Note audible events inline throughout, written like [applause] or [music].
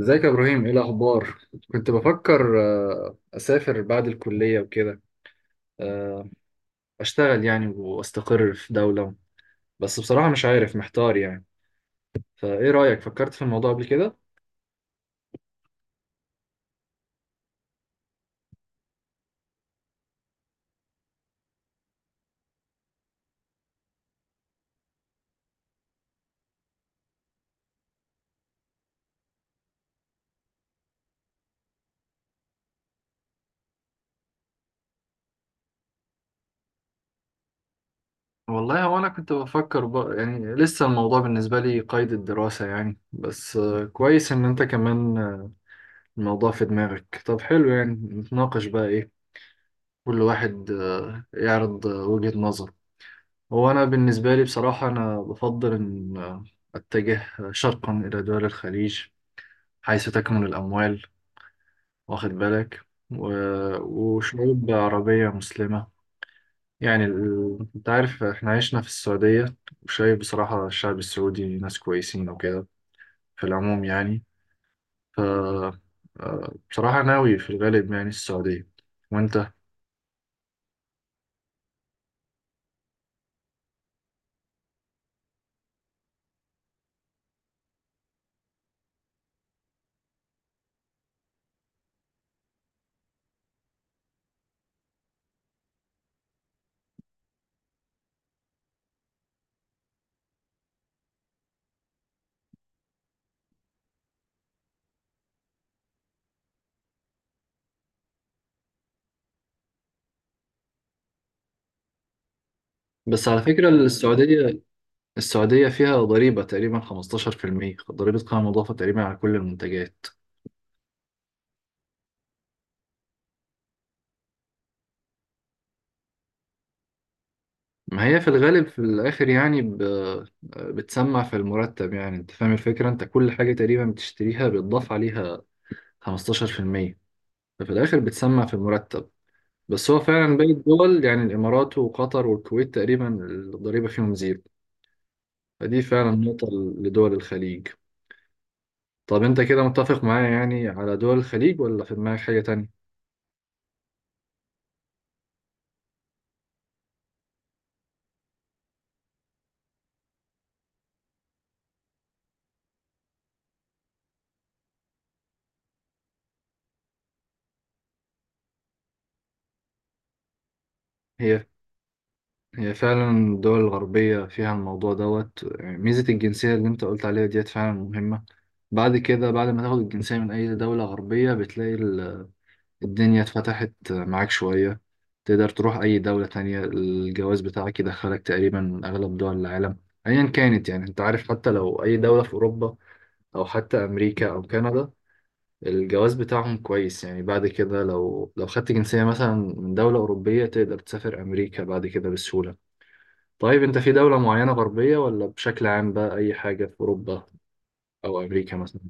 ازيك يا ابراهيم؟ ايه الاخبار؟ كنت بفكر اسافر بعد الكليه وكده. آه، اشتغل يعني واستقر في دوله. بس بصراحه مش عارف، محتار يعني. فايه رايك؟ فكرت في الموضوع قبل كده؟ والله، هو انا كنت بفكر يعني لسه الموضوع بالنسبه لي قيد الدراسه يعني. بس كويس ان انت كمان الموضوع في دماغك. طب حلو، يعني نتناقش بقى ايه. كل واحد يعرض وجهة نظر. هو أنا بالنسبة لي بصراحة أنا بفضل إن أتجه شرقا إلى دول الخليج، حيث تكمن الأموال، واخد بالك؟ و... وشعوب عربية مسلمة. يعني أنت عارف إحنا عشنا في السعودية، وشايف بصراحة الشعب السعودي ناس كويسين وكده في العموم يعني. ف آه، بصراحة ناوي في الغالب يعني السعودية. وأنت؟ بس على فكرة السعودية فيها ضريبة تقريبا 15% ضريبة قيمة مضافة تقريبا على كل المنتجات. ما هي في الغالب في الآخر يعني بتسمع في المرتب. يعني أنت فاهم الفكرة، أنت كل حاجة تقريبا بتشتريها بيتضاف عليها 15%. ففي الآخر بتسمع في المرتب. بس هو فعلا باقي الدول، يعني الإمارات وقطر والكويت، تقريبا الضريبة فيهم زيرو. فدي فعلا نقطة لدول الخليج. طب أنت كده متفق معايا يعني على دول الخليج، ولا في دماغك حاجة تانية؟ هي هي فعلا الدول الغربية فيها الموضوع دوت، يعني ميزة الجنسية اللي انت قلت عليها ديت فعلا مهمة. بعد كده، بعد ما تاخد الجنسية من أي دولة غربية، بتلاقي الدنيا اتفتحت معاك شوية. تقدر تروح أي دولة تانية. الجواز بتاعك يدخلك تقريبا أغلب دول العالم أيا كانت، يعني انت عارف، حتى لو أي دولة في أوروبا أو حتى أمريكا أو كندا. الجواز بتاعهم كويس، يعني بعد كده لو خدت جنسية مثلا من دولة أوروبية تقدر تسافر أمريكا بعد كده بسهولة. طيب انت في دولة معينة غربية، ولا بشكل عام بقى اي حاجة في اوروبا او امريكا مثلا؟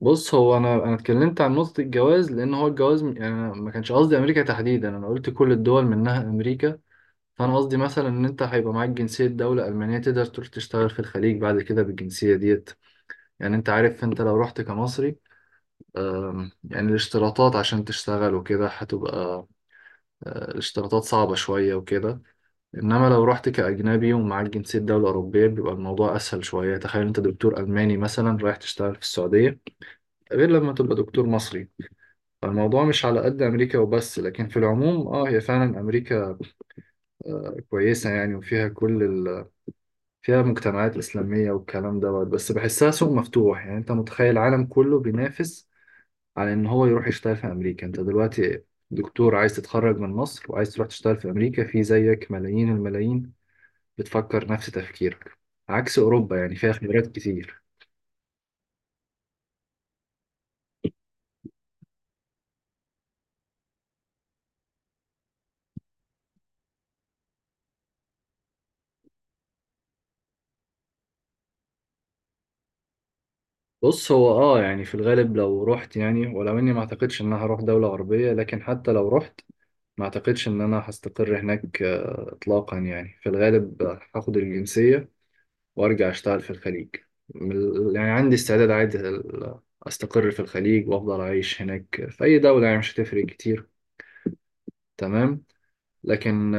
بص، هو انا اتكلمت عن نقطة الجواز، لان هو الجواز يعني أنا ما كانش قصدي امريكا تحديدا، انا قلت كل الدول منها امريكا. فانا قصدي مثلا ان انت هيبقى معاك جنسية دولة المانية، تقدر تروح تشتغل في الخليج بعد كده بالجنسية ديت. يعني انت عارف، انت لو رحت كمصري، يعني الاشتراطات عشان تشتغل وكده هتبقى الاشتراطات صعبة شوية وكده. انما لو رحت كاجنبي ومعاك جنسيه دوله اوروبيه بيبقى الموضوع اسهل شويه. تخيل انت دكتور الماني مثلا رايح تشتغل في السعوديه، غير لما تبقى دكتور مصري. فالموضوع مش على قد امريكا وبس، لكن في العموم هي فعلا امريكا كويسه يعني، وفيها كل فيها مجتمعات اسلاميه والكلام دوت. بس بحسها سوق مفتوح، يعني انت متخيل العالم كله بينافس على ان هو يروح يشتغل في امريكا. انت دلوقتي دكتور عايز تتخرج من مصر وعايز تروح تشتغل في امريكا، في زيك ملايين الملايين بتفكر نفس تفكيرك. عكس أوروبا، يعني فيها خبرات كتير. بص، هو يعني في الغالب لو رحت، يعني ولو اني ما اعتقدش ان انا هروح دولة غربية، لكن حتى لو رحت ما اعتقدش ان انا هستقر هناك اطلاقا، يعني في الغالب هاخد الجنسية وارجع اشتغل في الخليج. من يعني عندي استعداد عادي استقر في الخليج وافضل اعيش هناك في اي دولة، يعني مش هتفرق كتير. تمام. لكن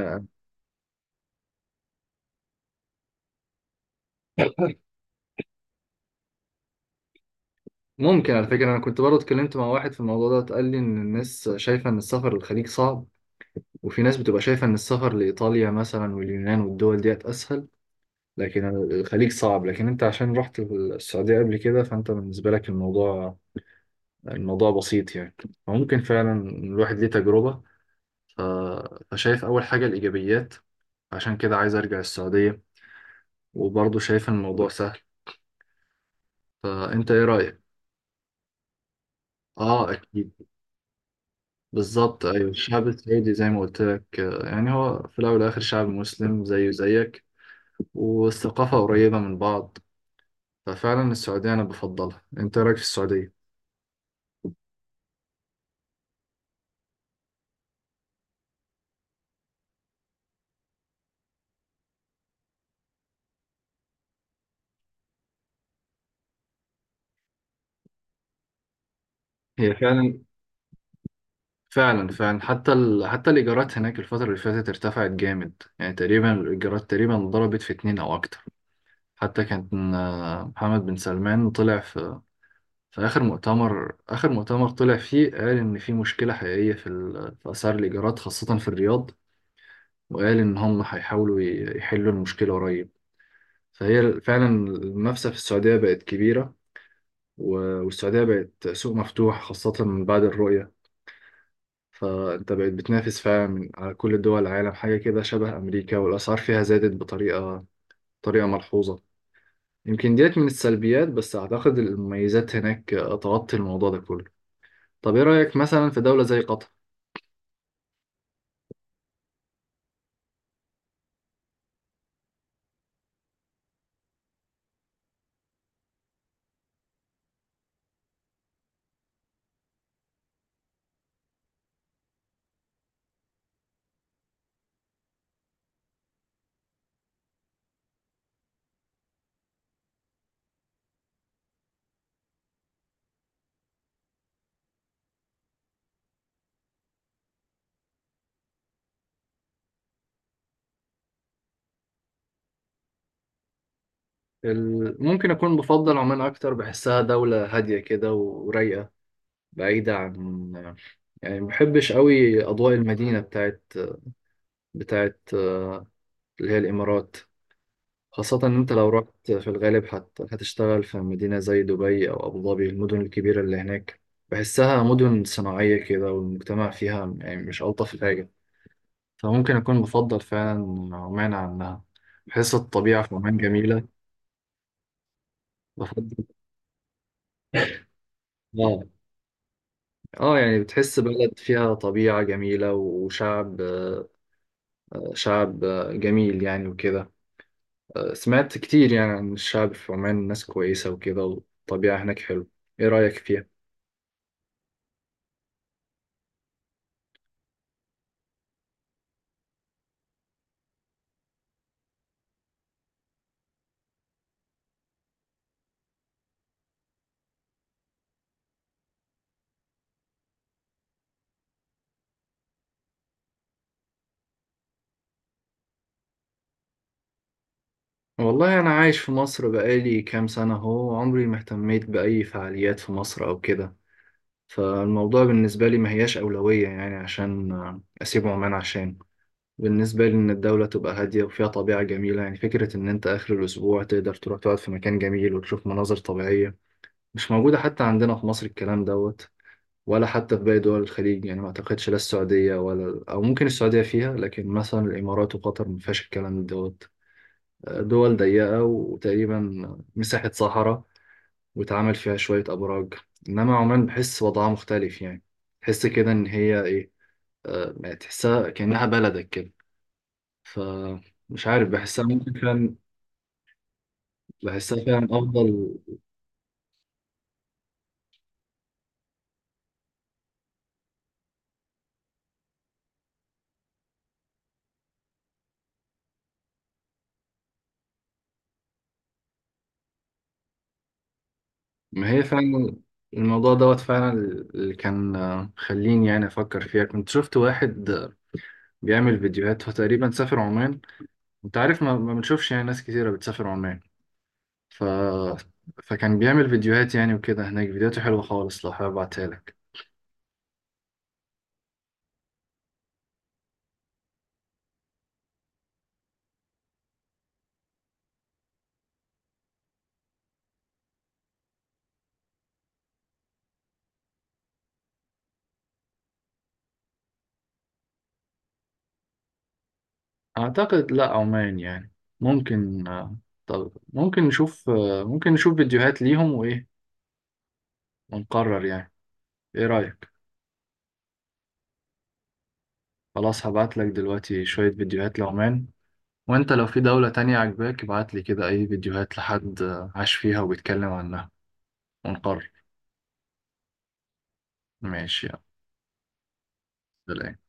[laughs] ممكن. على فكرة، أنا كنت برضه اتكلمت مع واحد في الموضوع ده، قال لي إن الناس شايفة إن السفر للخليج صعب، وفي ناس بتبقى شايفة إن السفر لإيطاليا مثلا واليونان والدول ديت أسهل. لكن الخليج صعب، لكن أنت عشان رحت السعودية قبل كده فأنت بالنسبة لك الموضوع بسيط يعني. فممكن فعلا الواحد ليه تجربة. ف- فشايف أول حاجة الإيجابيات. عشان كده عايز أرجع السعودية، وبرضه شايف إن الموضوع سهل. فأنت إيه رأيك؟ آه أكيد. بالظبط أيوة، الشعب السعودي زي ما قلت لك، يعني هو في الأول والآخر شعب مسلم زيه زيك. والثقافة قريبة من بعض. ففعلا السعودية أنا بفضلها. أنت رأيك في السعودية؟ هي فعلا، فعلا، فعلا، حتى الإيجارات هناك الفترة اللي فاتت ارتفعت جامد، يعني تقريبا الإيجارات تقريبا ضربت في اتنين أو أكتر. حتى كان محمد بن سلمان طلع في آخر مؤتمر طلع فيه، قال إن في مشكلة حقيقية في أسعار الإيجارات خاصة في الرياض. وقال إن هم هيحاولوا يحلوا المشكلة قريب. فهي فعلا المنافسة في السعودية بقت كبيرة، و- والسعودية بقت سوق مفتوح خاصة من بعد الرؤية. فأنت بقت بتنافس فعلا على كل دول العالم، حاجة كده شبه أمريكا. والأسعار فيها زادت بطريقة ملحوظة. يمكن ديت من السلبيات، بس أعتقد المميزات هناك تغطي الموضوع ده كله. طب إيه رأيك مثلا في دولة زي قطر؟ ممكن أكون بفضل عمان أكتر، بحسها دولة هادية كده ورايقة، بعيدة عن، يعني ما بحبش قوي اضواء المدينه بتاعت اللي هي الامارات. خاصه ان انت لو رحت في الغالب هتشتغل في مدينه زي دبي او ابو ظبي، المدن الكبيره اللي هناك. بحسها مدن صناعيه كده، والمجتمع فيها يعني مش الطف حاجه. فممكن اكون بفضل فعلا عمان عنها. بحس الطبيعه في عمان جميله. بفضل. اه اه يعني بتحس بلد فيها طبيعه جميله وشعب، شعب جميل يعني وكده. سمعت كتير يعني عن الشعب في عمان ناس كويسة وكده، والطبيعة هناك حلوة. إيه رأيك فيها؟ والله أنا عايش في مصر بقالي كام سنة أهو، عمري ما اهتميت بأي فعاليات في مصر أو كده. فالموضوع بالنسبة لي ما هياش أولوية، يعني عشان أسيب عمان. عشان بالنسبة لي إن الدولة تبقى هادية وفيها طبيعة جميلة، يعني فكرة إن أنت آخر الأسبوع تقدر تروح تقعد في مكان جميل وتشوف مناظر طبيعية مش موجودة حتى عندنا في مصر الكلام دوت، ولا حتى في باقي دول الخليج، يعني ما اعتقدش، لا السعودية ولا، او ممكن السعودية فيها، لكن مثلا الامارات وقطر ما فيهاش الكلام دوت. دول ضيقة وتقريبا مساحة صحراء، واتعمل فيها شوية ابراج. انما عمان بحس وضعها مختلف يعني، تحس كده ان هي ايه، يعني تحسها كأنها بلدك كده. فمش عارف، بحسها ممكن فعلا، بحسها فعلا افضل. ما هي فعلا، الموضوع دوت فعلا، اللي كان خليني يعني افكر فيها، كنت شفت واحد بيعمل فيديوهات فتقريبا سافر عمان. انت عارف، ما بنشوفش يعني ناس كتيرة بتسافر عمان. ف... فكان بيعمل فيديوهات يعني وكده هناك، فيديوهاته حلوة خالص، لو حابب ابعتها لك. اعتقد لا، عمان يعني، ممكن طب ممكن نشوف فيديوهات ليهم وايه، ونقرر يعني. ايه رأيك؟ خلاص، هبعت لك دلوقتي شوية فيديوهات لعمان. وانت لو في دولة تانية عجباك، ابعت لي كده اي فيديوهات لحد عاش فيها وبيتكلم عنها، ونقرر. ماشي، يلا، سلام.